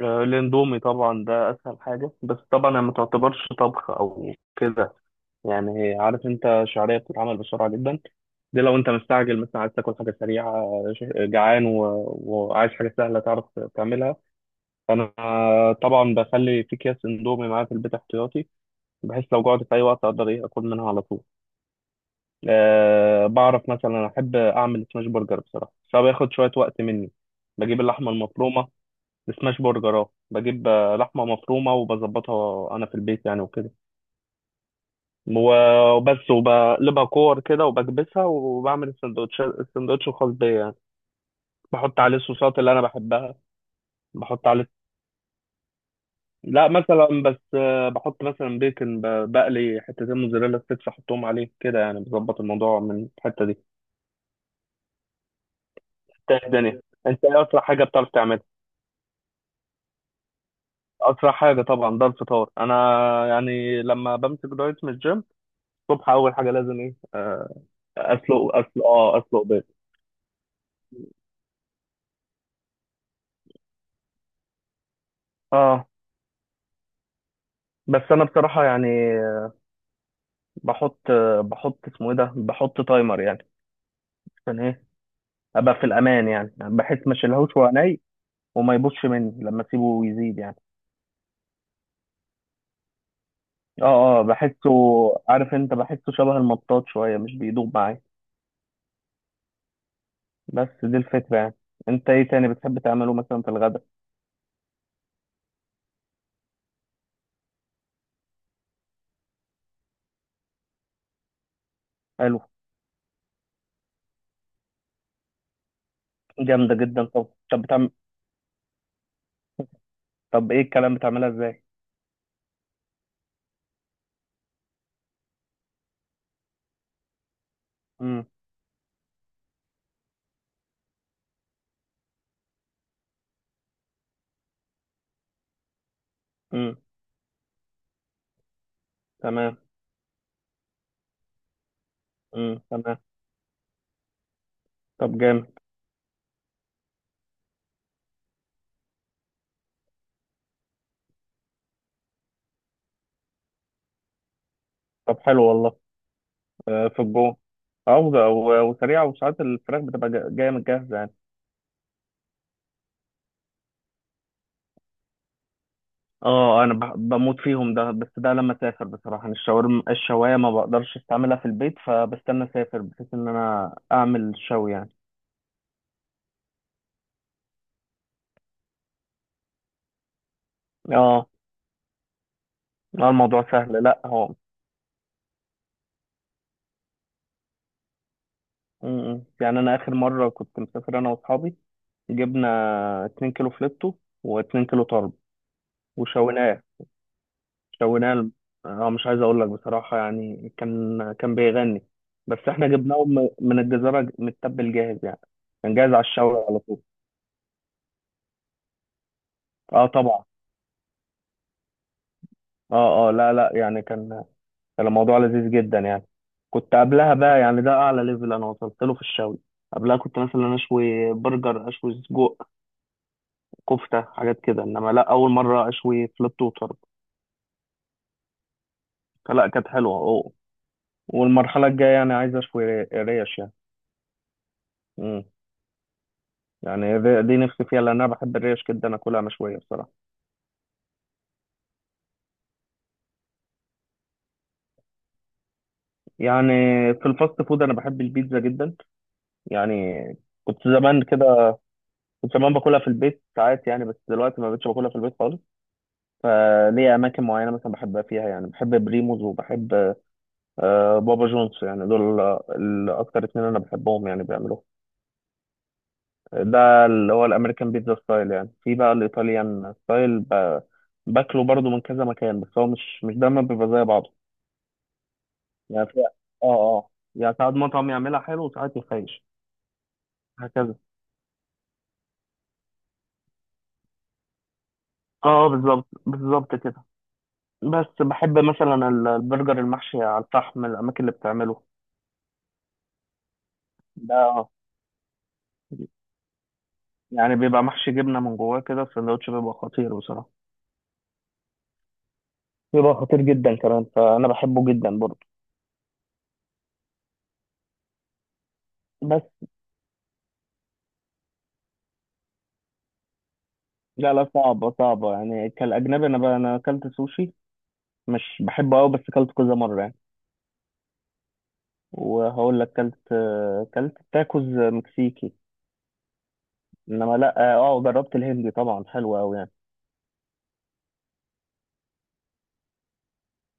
آه، الاندومي طبعا ده اسهل حاجه، بس طبعا هي ما تعتبرش طبخ او كده. يعني عارف انت، شعريه بتتعمل بسرعه جدا، دي لو انت مستعجل مثلا عايز تاكل حاجه سريعه. جعان وعايز حاجه سهله تعرف تعملها، فانا طبعا بخلي في اكياس اندومي معايا في البيت احتياطي، بحيث لو جوعت في اي وقت اقدر ايه اكل منها على طول. أه، بعرف مثلا احب اعمل سماش برجر بصراحه، فبياخد شويه وقت مني. بجيب اللحمه المفرومه سماش برجر، بجيب لحمه مفرومه وبظبطها انا في البيت يعني وكده. وبس، وبقلبها كور كده وبكبسها، وبعمل السندوتش الخاص بيا يعني، بحط عليه الصوصات اللي انا بحبها. بحط عليه لا، مثلا بس بحط مثلا بيكن، بقلي حتتين موزاريلا ستيكس احطهم عليه كده يعني، بظبط الموضوع من الحته دي. انت إيه الدنيا؟ انت ايه اسرع حاجه بتعرف تعملها؟ اسرع حاجه طبعا ده الفطار انا، يعني لما بمسك دايت من الجيم، الصبح اول حاجه لازم ايه، اسلق بيض. اه، بس انا بصراحه يعني، بحط بحط اسمه ايه ده، بحط تايمر يعني، عشان ايه؟ ابقى في الامان يعني، بحيث ما اشيلهوش وهو ني، وما يبوظش مني لما اسيبه يزيد يعني. اه اه، بحسه، عارف انت، بحسه شبه المطاط شويه، مش بيدوب معايا. بس دي الفكره يعني. انت ايه تاني بتحب تعمله مثلا في الغداء؟ حلو، جامده جدا. طب ايه الكلام بتعملها ازاي؟ امم، امم تمام، تمام، طب جامد، طب حلو والله. في الجو عوضة، وسريعة، وساعات الفراخ بتبقى جاية من جاهزة يعني. اه، انا بموت فيهم ده، بس ده لما اسافر بصراحة. أنا الشاورما الشواية ما بقدرش استعملها في البيت، فبستنى اسافر بحيث ان انا اعمل شوي يعني. اه، الموضوع سهل لا هو. م- م. يعني انا اخر مرة كنت مسافر انا واصحابي، جبنا 2 كيلو فليتو و2 كيلو طرب، وشويناه، له. اه، مش عايز اقول لك بصراحه، يعني كان بيغني. بس احنا جبناه من الجزيره متبل جاهز يعني، كان جاهز على الشوي على طول. اه طبعا. اه اه، لا لا، يعني كان الموضوع لذيذ جدا يعني. كنت قبلها بقى يعني، ده اعلى ليفل انا وصلت له في الشوي، قبلها كنت مثلا اشوي برجر، اشوي سجق، كفته، حاجات كده، انما لا، اول مره اشوي فلت وطرب، فلا كانت حلوه اه. والمرحله الجايه يعني عايز اشوي ريش، يعني يعني دي نفسي فيها، لان انا بحب الريش جدا اكلها مشويه بصراحه. يعني في الفاست فود انا بحب البيتزا جدا يعني. كنت زمان كده، كنت زمان باكلها في البيت ساعات يعني، بس دلوقتي ما بقتش باكلها في البيت خالص، فليا اماكن معينه مثلا بحبها فيها يعني، بحب بريموز، وبحب بابا جونز، يعني دول الاكتر اتنين انا بحبهم يعني بيعملوه، ده اللي هو الامريكان بيتزا ستايل يعني. في بقى الايطاليان ستايل، باكله برضو من كذا مكان، بس هو مش دايما بيبقى زي بعضه يعني. اه اه، يعني ساعات مطعم يعملها حلو، وساعات يخيش. هكذا. اه، بالظبط بالظبط كده. بس بحب مثلا البرجر المحشي على الفحم، الاماكن اللي بتعمله ده آه. يعني بيبقى محشي جبنه من جواه كده، السندوتش بيبقى خطير بصراحه، بيبقى خطير جدا كمان، فانا بحبه جدا برضه. بس لا لا، صعبه صعبه يعني، كالاجنبي انا بقى، انا اكلت سوشي، مش بحبه قوي بس اكلت كذا مره يعني، وهقول لك اكلت، تاكوز مكسيكي. انما لا، اه جربت الهندي طبعا حلو قوي يعني.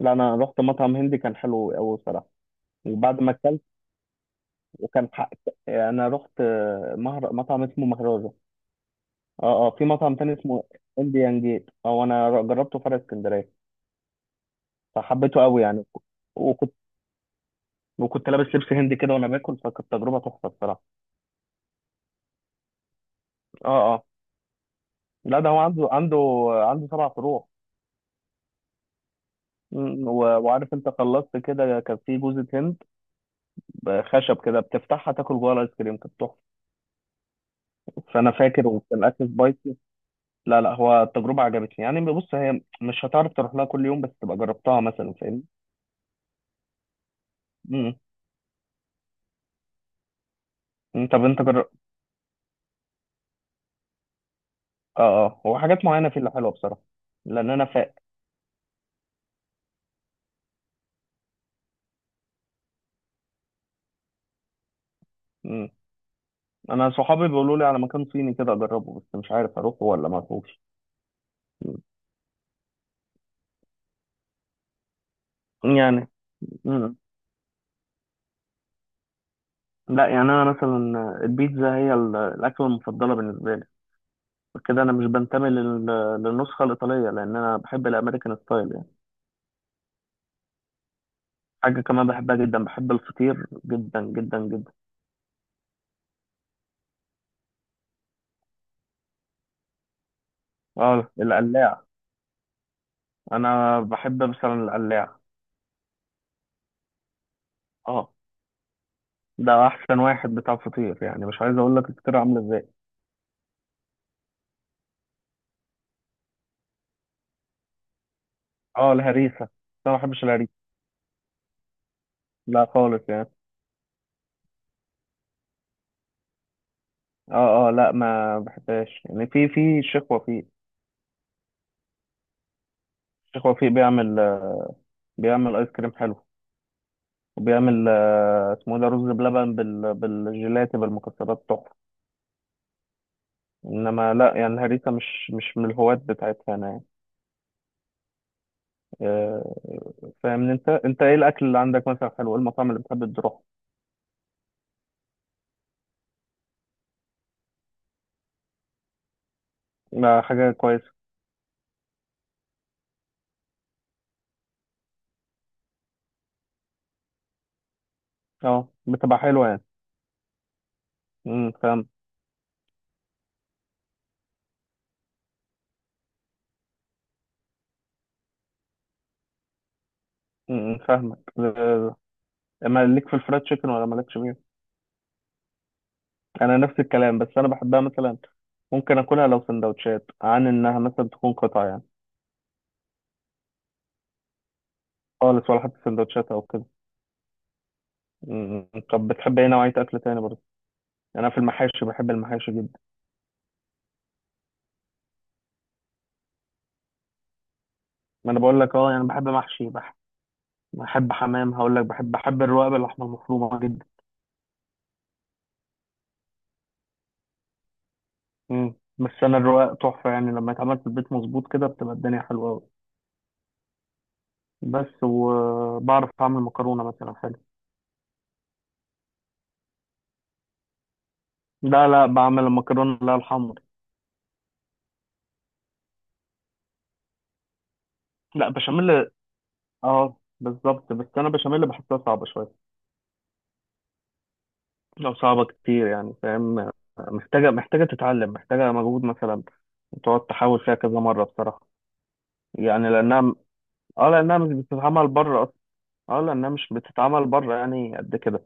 لا، انا رحت مطعم هندي كان حلو قوي بصراحه، وبعد ما اكلت، وكان حق. انا رحت مطعم اسمه مهرجة. اه اه، في مطعم تاني اسمه انديان جيت، اه، انا جربته في فرع اسكندريه فحبيته قوي يعني. وكنت وكنت لابس لبس هندي كده وانا باكل، فكانت تجربه تحفه بصراحه. اه اه، لا، ده هو عنده سبع فروع. وعارف انت، خلصت كده كان في جوزة هند، خشب كده بتفتحها تاكل جوه، الايس كريم كانت تحفة. فانا فاكر، وكان الاكل سبايسي. لا لا، هو التجربه عجبتني يعني، بص هي مش هتعرف تروح لها كل يوم بس تبقى جربتها مثلا، فاهمني؟ امم. أمم، طب انت جرب. اه اه، هو حاجات معينه فيه اللي حلوه بصراحه. لان انا أمم. انا صحابي بيقولوا لي على مكان صيني كده اجربه، بس مش عارف اروحه ولا ما اروحش. أمم، يعني، أمم. لا، يعني انا مثلا البيتزا هي الاكله المفضله بالنسبه لي كده. انا مش بنتمي للنسخه الايطاليه لان انا بحب الامريكان ستايل. حاجة كمان بحبها جدا، بحب الفطير جدا جدا جدا. اه القلاع. انا بحب مثلا القلاع. اه، ده احسن واحد بتاع فطير يعني، مش عايز اقول لك الفطير عامله ازاي. اه الهريسه بس. انا ما بحبش الهريسه، لا خالص يعني. اه اه، لا، ما بحبهاش يعني. في الشيخ وفيق، الشيخ وفيق بيعمل، ايس كريم حلو، وبيعمل اسمه إيه ده، رز بلبن بالجيلاتي بالمكسرات تحفه. انما لا يعني الهريسه مش من الهواة بتاعتها انا يعني. آه، فاهمني انت ايه الاكل اللي عندك مثلا حلو، ايه المطاعم اللي بتحب تروح؟ ما حاجه كويسه. اه، بتبقى حلوه يعني. امم، فاهم. امم، فاهمك. اما ليك في الفرايد تشيكن ولا مالكش فيها؟ انا نفس الكلام، بس انا بحبها مثلا، ممكن اكلها لو سندوتشات عن انها مثلا تكون قطع يعني، خالص، ولا حتى سندوتشات او كده. امم. طب بتحب ايه نوعيه اكل تاني برضه؟ يعني انا في المحاشي بحب المحاشي جدا. ما انا بقول لك، اه يعني بحب محشي، بحب حمام، هقول لك بحب الرقاب، اللحمه المفرومه جدا. مم، بس انا الرواق تحفه يعني، لما يتعمل في البيت مظبوط كده بتبقى الدنيا حلوه قوي. بس، وبعرف اعمل مكرونه مثلا حلو. لا لا، بعمل المكرونه لا الحمر. لا بشاميل. اه بالظبط، بس انا بشاميل بحسها صعبه شويه، لو صعبه كتير يعني، فاهم، محتاجه تتعلم، محتاجه مجهود مثلا، تقعد تحاول فيها كذا مره بصراحه، يعني لانها، اه لانها مش بتتعمل بره اصلا، اه لانها مش بتتعمل بره يعني قد كده.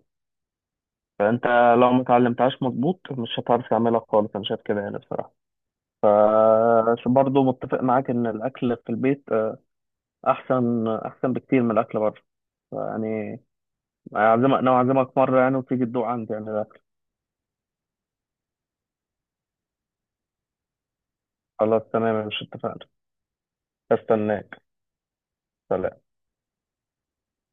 فانت لو ما اتعلمتهاش مظبوط مش هتعرف تعملها خالص، انا شايف كده يعني بصراحه. ف برضه متفق معاك ان الاكل في البيت، احسن، احسن بكتير من الاكل بره يعني. انا اعزمك مره يعني، وتيجي تدوق عندي يعني الاكل. خلاص تمام، مش اتفقنا؟ استناك.